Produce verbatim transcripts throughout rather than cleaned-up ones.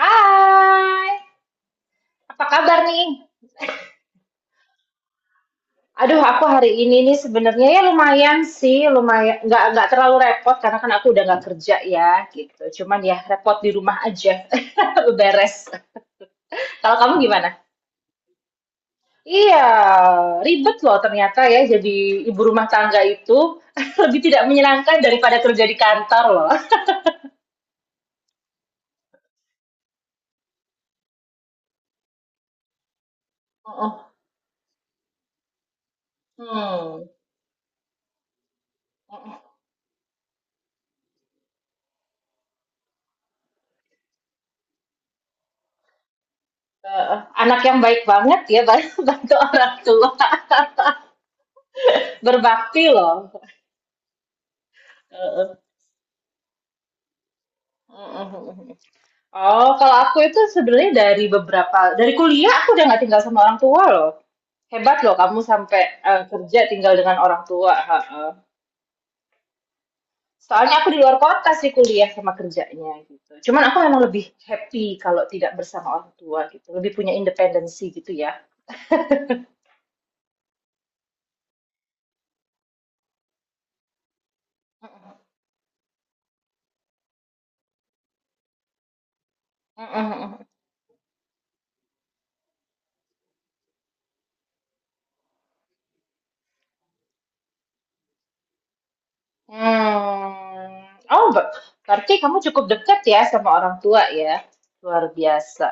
Hai, apa kabar nih? Aduh, aku hari ini nih sebenarnya ya lumayan sih, lumayan nggak nggak terlalu repot karena kan aku udah nggak kerja ya gitu. Cuman ya repot di rumah aja, beres. Kalau kamu gimana? Iya, ribet loh ternyata ya jadi ibu rumah tangga itu lebih tidak menyenangkan daripada kerja di kantor loh. Heeh. Hmm. Eh, eh, anak yang baik banget ya bantu orang tua, berbakti loh. Heeh. Mhm, mhm, mhm. Oh, kalau aku itu sebenarnya dari beberapa dari kuliah aku udah nggak tinggal sama orang tua loh. Hebat loh kamu sampai eh, kerja tinggal dengan orang tua. Ha, ha. Soalnya aku di luar kota sih kuliah sama kerjanya gitu. Cuman aku emang lebih happy kalau tidak bersama orang tua gitu. Lebih punya independensi gitu ya. Mhm, mhm. Hmm. Oh, ber- berarti kamu cukup dekat ya sama orang tua ya. Luar biasa.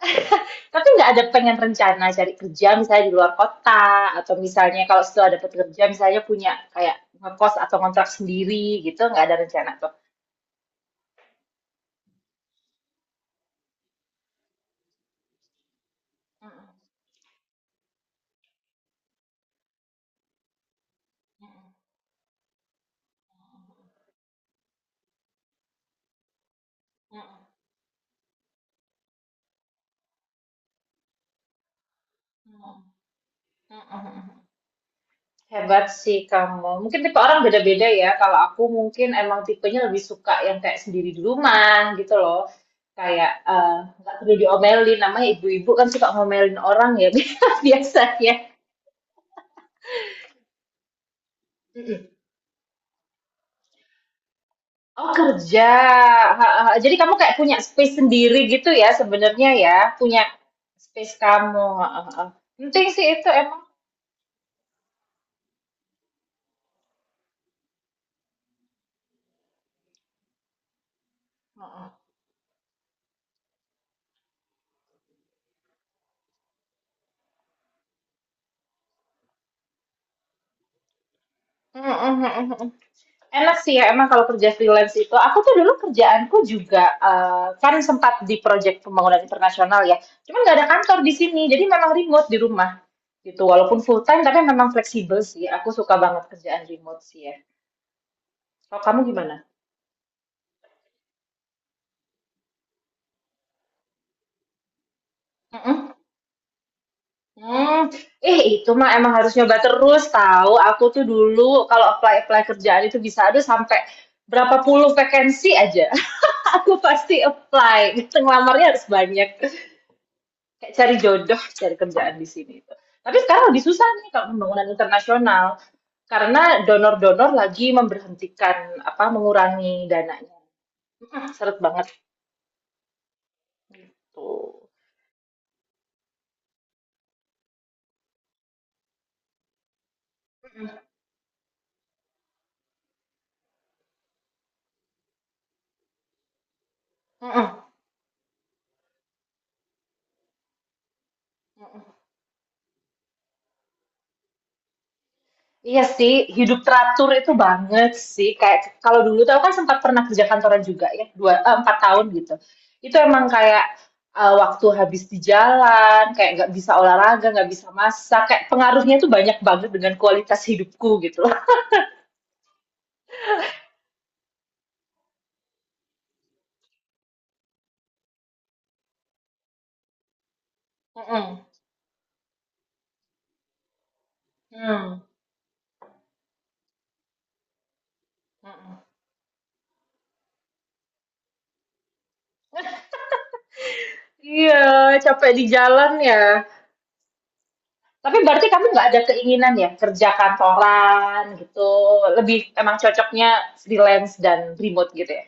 Tapi nggak ada pengen rencana cari kerja misalnya di luar kota atau misalnya kalau setelah dapat kerja misalnya punya kayak ngekos atau kontrak sendiri gitu nggak ada rencana tuh. Hebat sih kamu. Mungkin tipe orang beda-beda ya. Kalau aku mungkin emang tipenya lebih suka yang kayak sendiri di rumah gitu loh. Kayak eh, nggak perlu diomelin. Namanya ibu-ibu kan suka ngomelin orang ya biasanya. Oh kerja, heeh heeh. Jadi kamu kayak punya space sendiri gitu ya sebenarnya ya, punya space kamu. Heeh, heeh. Penting sih itu emang. Heeh. Heeh, heeh, heeh. Enak sih ya emang kalau kerja freelance itu. Aku tuh dulu kerjaanku juga eh, kan sempat di proyek pembangunan internasional ya. Cuman nggak ada kantor di sini, jadi memang remote di rumah gitu. Walaupun full time tapi memang fleksibel sih. Aku suka banget kerjaan remote sih ya. Kalau kamu gimana? Hmm, eh itu mah emang harus nyoba terus tahu. Aku tuh dulu kalau apply-apply kerjaan itu bisa ada sampai berapa puluh vakansi aja. Aku pasti apply. Ngelamarnya harus banyak. Kayak cari jodoh, cari kerjaan di sini itu. Tapi sekarang lebih susah nih kalau pembangunan internasional karena donor-donor lagi memberhentikan apa mengurangi dananya. mm Seret banget gitu. Mm-mm. Iya sih, hidup teratur itu banget sih. Kayak kalau dulu tuh aku kan sempat pernah kerja kantoran juga ya, dua eh, empat tahun gitu. Itu emang kayak eh, waktu habis di jalan, kayak nggak bisa olahraga, nggak bisa masak. Kayak pengaruhnya tuh banyak banget dengan kualitas hidupku gitu loh. Mm-mm. Hmm. Mm-mm. Iya, capek di jalan ya. Tapi berarti kamu nggak ada keinginan ya kerja kantoran gitu. Lebih emang cocoknya freelance dan remote gitu ya.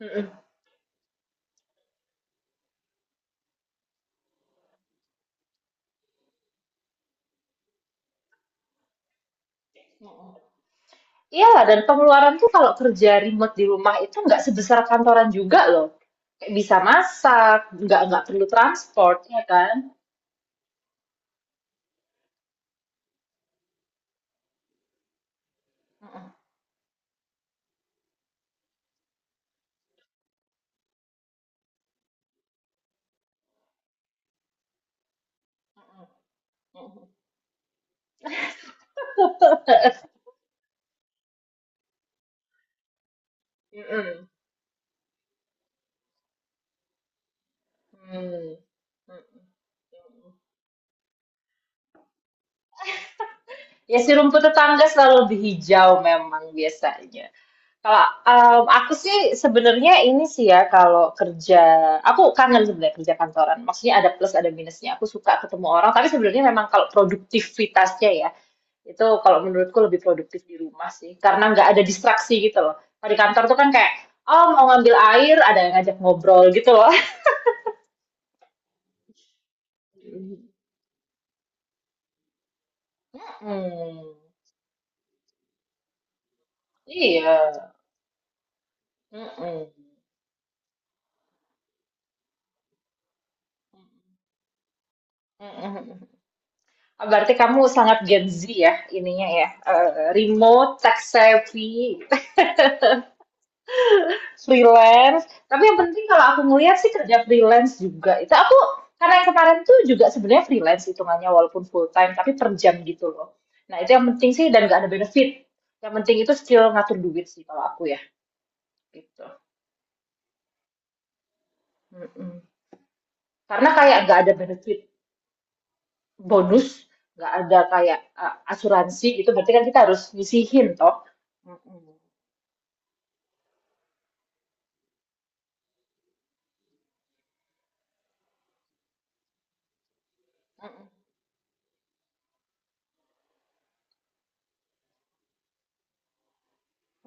Mm-mm. Iyalah dan pengeluaran tuh kalau kerja remote di rumah itu nggak sebesar kantoran juga loh. Kayak bisa masak, nggak nggak perlu transport, ya kan? Mm-mm. Hmm. Ya si rumput tetangga selalu lebih hijau memang biasanya. Kalau um, aku sih sebenarnya ini sih ya kalau kerja, aku kangen sebenarnya kerja kantoran. Maksudnya ada plus ada minusnya. Aku suka ketemu orang, tapi sebenarnya memang kalau produktivitasnya ya itu kalau menurutku lebih produktif di rumah sih, karena nggak ada distraksi gitu loh. Kalau di kantor tuh kan kayak, oh mau ngambil air, ada yang ngajak ngobrol gitu loh. Hmm, iya. Mm-mm. Mm-mm. Berarti kamu sangat Gen Z ya, ininya ya. Eh, remote, tech savvy. Freelance. Tapi yang penting kalau aku ngelihat sih kerja freelance juga. Itu aku karena yang kemarin tuh juga sebenarnya freelance hitungannya walaupun full time tapi per jam gitu loh. Nah itu yang penting sih dan gak ada benefit. Yang penting itu skill ngatur duit sih kalau aku ya gitu. Mm-mm. Karena kayak gak ada benefit bonus, gak ada kayak uh, asuransi gitu. Berarti kan kita harus nyisihin toh. Mm-mm.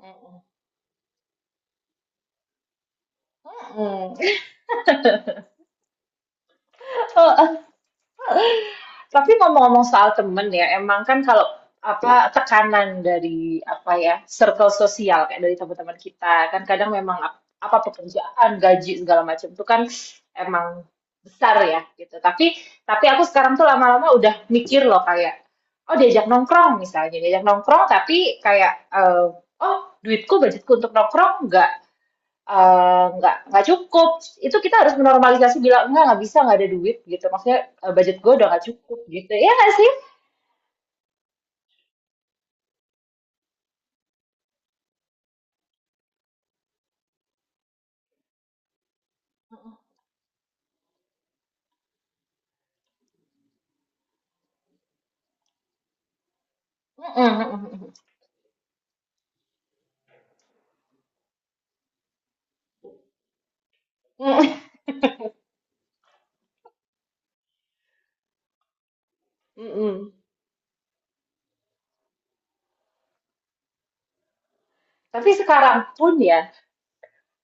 Mm-mm. Mm-mm. Tapi ngomong-ngomong soal temen ya, emang kan kalau apa tekanan dari apa ya circle sosial kayak dari teman-teman kita kan kadang memang ap- apa pekerjaan, gaji segala macam itu kan emang besar ya gitu. Tapi tapi aku sekarang tuh lama-lama udah mikir loh kayak oh diajak nongkrong misalnya diajak nongkrong tapi kayak eh, oh duitku budgetku untuk nongkrong nggak Eee, nggak nggak cukup, itu kita harus menormalisasi bilang, "Enggak, nggak bisa, nggak ada duit," gitu. Maksudnya, eee, "Budget gue udah nggak cukup," gitu. Ya nggak sih? Mhm, mhm, mhm. Mhm. Mhm. Tapi sekarang pun ya,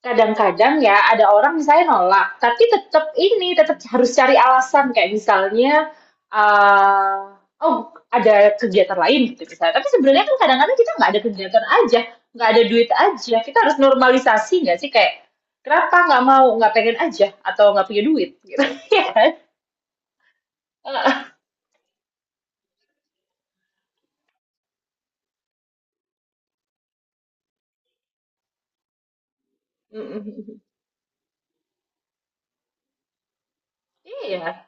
kadang-kadang ya ada orang misalnya nolak, tapi tetap ini, tetap harus cari alasan kayak misalnya eee, oh ada kegiatan lain gitu misalnya. Tapi sebenarnya kan kadang-kadang kita nggak ada kegiatan aja, nggak ada duit aja. Kita harus normalisasi nggak sih kayak, kenapa nggak mau, nggak pengen aja atau nggak punya duit gitu, iya kan? Heeh, mhm, mhm. Iya,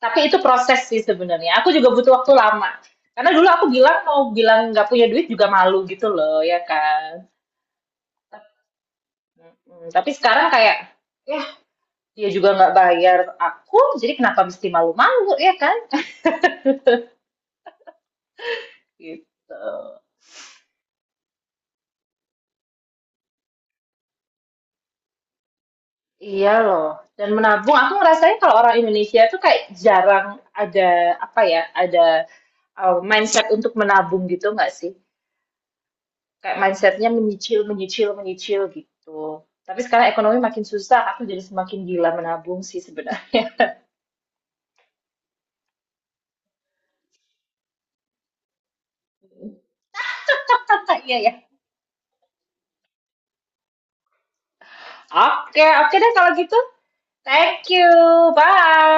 tapi itu proses sih sebenarnya. Aku juga butuh waktu lama. Karena dulu aku bilang mau bilang nggak punya duit juga malu gitu loh, ya kan? Mhm, tapi sekarang kayak, ya dia juga nggak bayar aku, jadi kenapa mesti malu-malu ya kan? Gitu. Iya loh. Dan menabung, aku ngerasain kalau orang Indonesia tuh kayak jarang ada apa ya, ada uh, mindset untuk menabung gitu nggak sih? Kayak mindsetnya menyicil, menyicil, menyicil gitu. Tapi sekarang ekonomi makin susah, aku jadi semakin gila menabung sih sebenarnya. Iya ya. Oke, oke deh kalau gitu. Thank you. Bye.